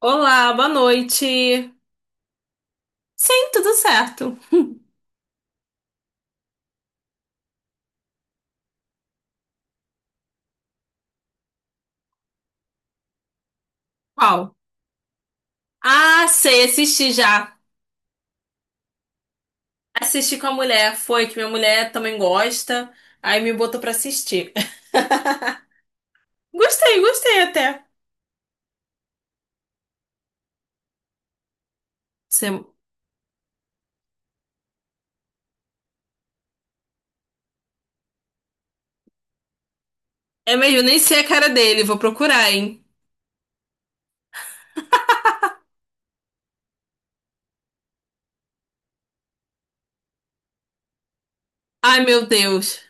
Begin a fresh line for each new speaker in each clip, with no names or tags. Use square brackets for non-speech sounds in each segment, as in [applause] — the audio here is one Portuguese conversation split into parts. Olá, boa noite. Sim, tudo certo. Qual? Ah, sei, assisti já. Assisti com a mulher, foi que minha mulher também gosta, aí me botou pra assistir. [laughs] Gostei, gostei até. Você- É mesmo, nem sei a cara dele, vou procurar, hein? Ai, meu Deus.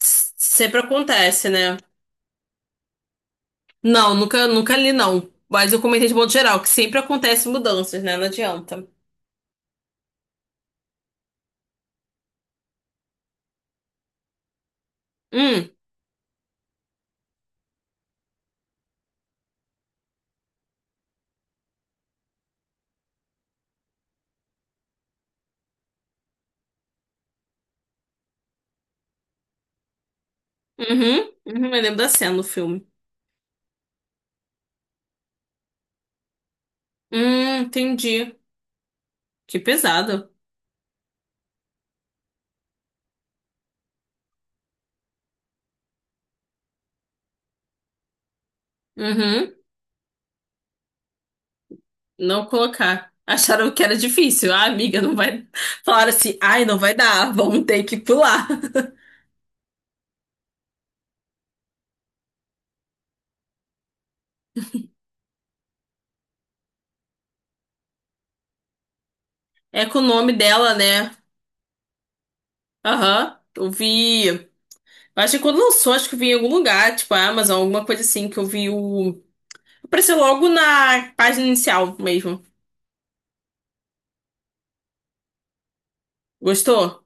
Sempre acontece, né? Não, nunca li, não. Mas eu comentei de modo geral, que sempre acontecem mudanças, né? Não adianta. Hum, uhum, uhum, eu lembro da cena no filme. Entendi. Que pesado. Uhum. Não colocar. Acharam que era difícil. Ah, amiga, não vai. Falaram assim, ai, não vai dar, [laughs] vamos ter que pular. É com o nome dela, né? Aham. Eu vi. Eu Acho que quando lançou, acho que eu vi em algum lugar, tipo a Amazon, alguma coisa assim, que eu vi o. Apareceu logo na página inicial mesmo. Gostou?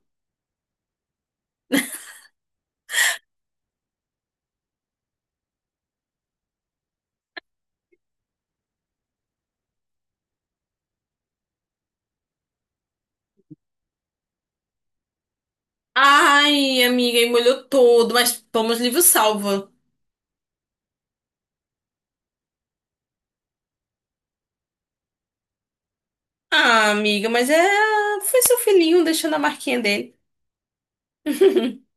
Ai, amiga, e molhou todo, mas toma os livros salva. Ah, amiga, mas é. Foi seu filhinho deixando a marquinha dele. [laughs]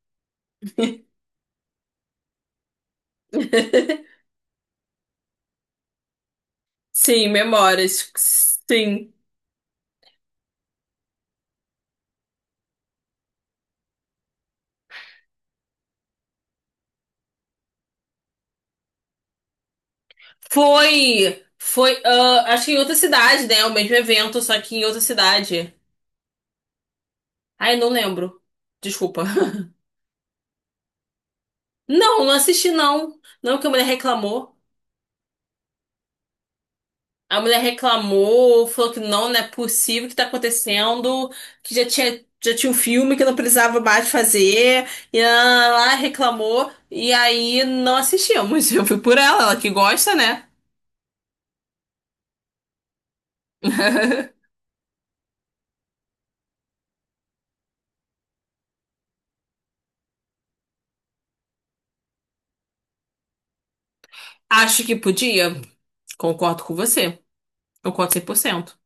Sim, memórias. Sim. Foi, foi, acho que em outra cidade, né? O mesmo evento, só que em outra cidade. Ai, não lembro. Desculpa. [laughs] Não, não assisti não. Não que a mulher reclamou. A mulher reclamou, falou que não, não é possível o que tá acontecendo, que já tinha um filme que não precisava mais fazer, e lá, reclamou, e aí não assistimos. [laughs] Eu fui por ela, ela que gosta, né? [laughs] Acho que podia. Concordo com você. Concordo 100%.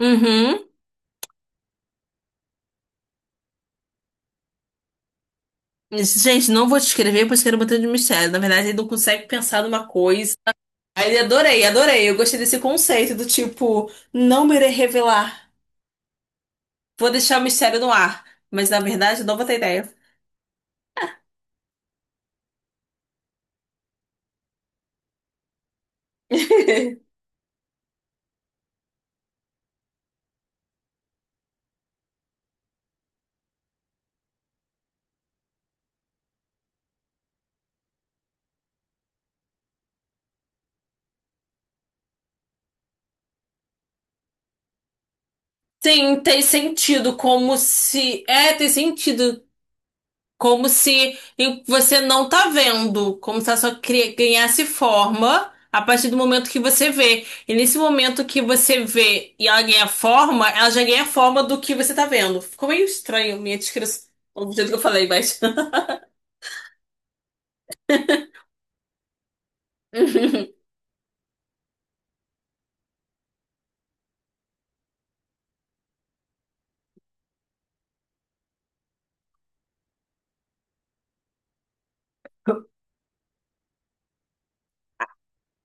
Uhum. Isso, gente, não vou te escrever, pois quero botar de mistério. Na verdade, ele não consegue pensar numa coisa. Aí ele adorei, adorei. Eu gostei desse conceito do tipo, não me irei revelar. Vou deixar o mistério no ar. Mas na verdade, não vou ter ideia. Sim, tem sentido, como se. É, tem sentido. Como se e você não tá vendo, como se ela só cri- ganhasse forma a partir do momento que você vê. E nesse momento que você vê e ela ganha forma, ela já ganha forma do que você tá vendo. Ficou meio estranho minha descrição, do jeito que eu falei, mas. [laughs]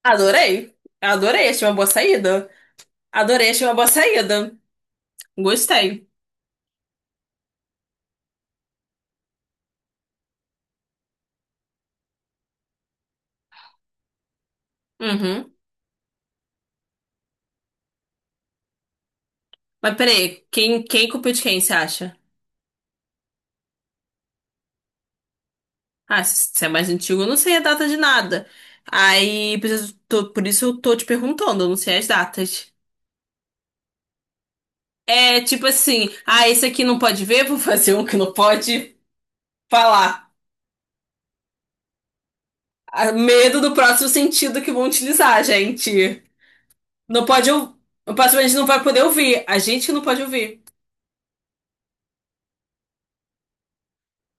Adorei. Adorei, achei uma boa saída. Adorei, achei uma boa saída. Gostei. Uhum. Mas peraí, quem culpou de quem, você acha? Ah, se é mais antigo, eu não sei a data de nada. Aí, por isso, tô- por isso eu tô te perguntando, eu não sei as datas. É tipo assim, esse aqui não pode ver, vou fazer um que não pode falar. Ah, medo do próximo sentido que vão utilizar, gente. Não pode ouvir. O próximo a gente não vai poder ouvir. A gente que não pode ouvir.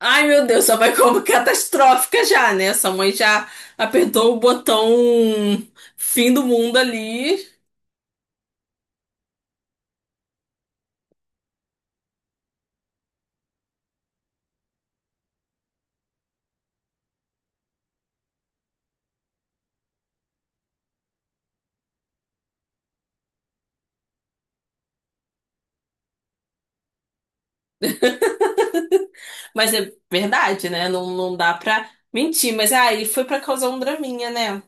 Ai, meu Deus, só vai como [laughs] catastrófica já, né? Sua mãe já apertou o botão fim do mundo ali. Mas é verdade, né? Não, não dá pra mentir. Mas aí foi pra causar um draminha, né?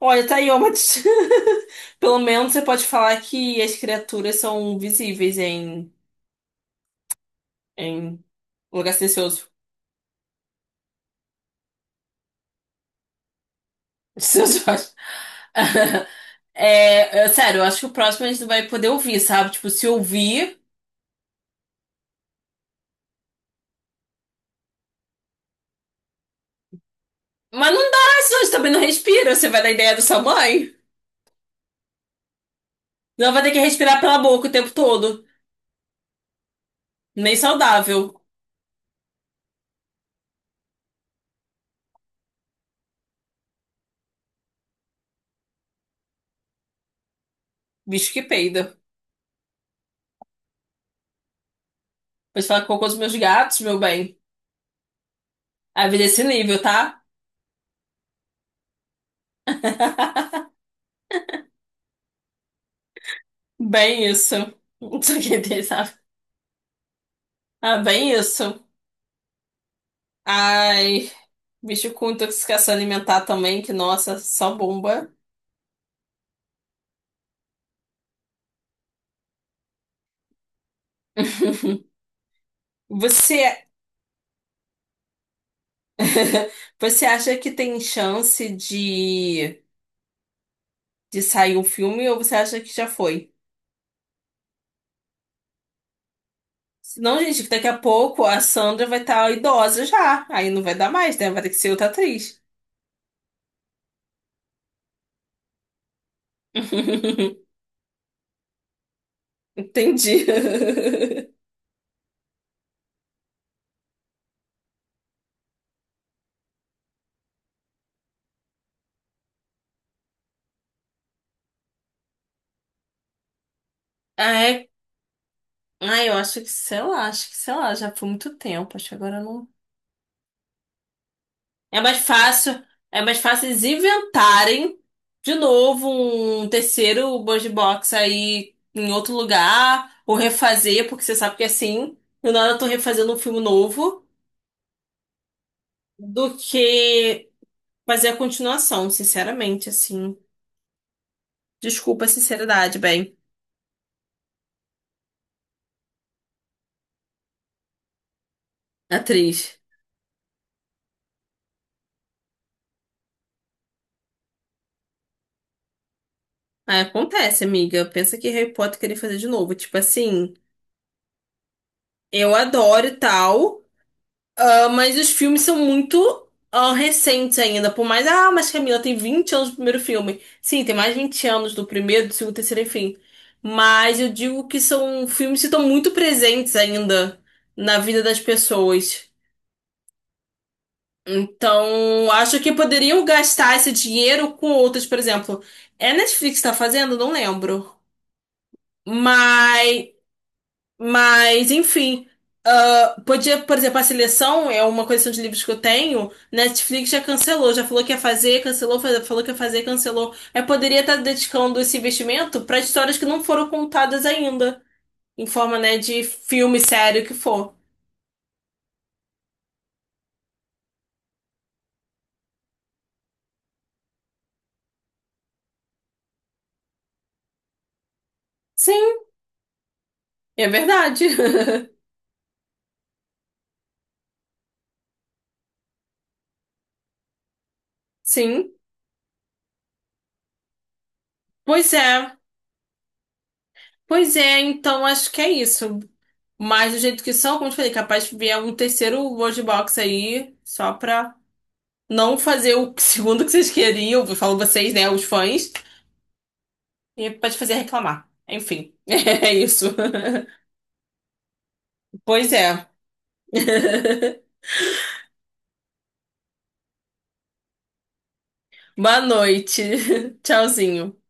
Olha, tá aí, ó, mas [laughs] pelo menos você pode falar que as criaturas são visíveis em um lugar silencioso. [laughs] Silencioso. [laughs] É, sério, eu acho que o próximo a gente não vai poder ouvir, sabe? Tipo, se ouvir. Mas não dá, senão a gente também não respira. Você vai dar ideia da sua mãe. Não vai ter que respirar pela boca o tempo todo. Nem saudável. Bicho que peida. Pode falar com cocô dos meus gatos, meu bem. A vida é esse nível, tá? Bem isso. [laughs] Não sei o que tem, sabe? Ah, bem isso. Ai, bicho com intoxicação alimentar também, que nossa, só bomba. Você, [laughs] você acha que tem chance de sair um filme ou você acha que já foi? Não, gente, que daqui a pouco a Sandra vai estar idosa já. Aí não vai dar mais, né? Vai ter que ser outra atriz. [laughs] Entendi. [laughs] Ah, é? Ah, eu acho que, sei lá, acho que, sei lá, já foi muito tempo. Acho que agora não. É mais fácil, é mais fácil eles inventarem de novo um terceiro Bungee Box aí em outro lugar, ou refazer, porque você sabe que é assim, e na hora eu tô refazendo um filme novo, do que fazer a continuação, sinceramente, assim. Desculpa a sinceridade, bem, atriz. Ah, acontece, amiga. Pensa que Harry Potter queria fazer de novo. Tipo assim, eu adoro e tal. Ah, mas os filmes são muito recentes ainda. Por mais, mas Camila tem 20 anos do primeiro filme. Sim, tem mais de 20 anos do primeiro, do segundo, terceiro, enfim. Mas eu digo que são filmes que estão muito presentes ainda na vida das pessoas. Então, acho que poderiam gastar esse dinheiro com outras, por exemplo. É a Netflix que tá fazendo? Não lembro. Mas enfim, podia, por exemplo, a seleção é uma coleção de livros que eu tenho. Netflix já cancelou, já falou que ia fazer, cancelou, falou que ia fazer, cancelou. Eu poderia estar dedicando esse investimento para histórias que não foram contadas ainda, em forma, né, de filme, série, o que for. Sim, é verdade. [laughs] Sim, pois é. Pois é, então acho que é isso. Mas do jeito que são, como eu te falei, capaz de vier um terceiro World Box aí, só pra. Não fazer o [laughs] segundo que vocês queriam, eu falo vocês, né, os fãs, e pode fazer reclamar. Enfim, [laughs] é isso. [laughs] Pois é. [laughs] Boa noite. [laughs] Tchauzinho.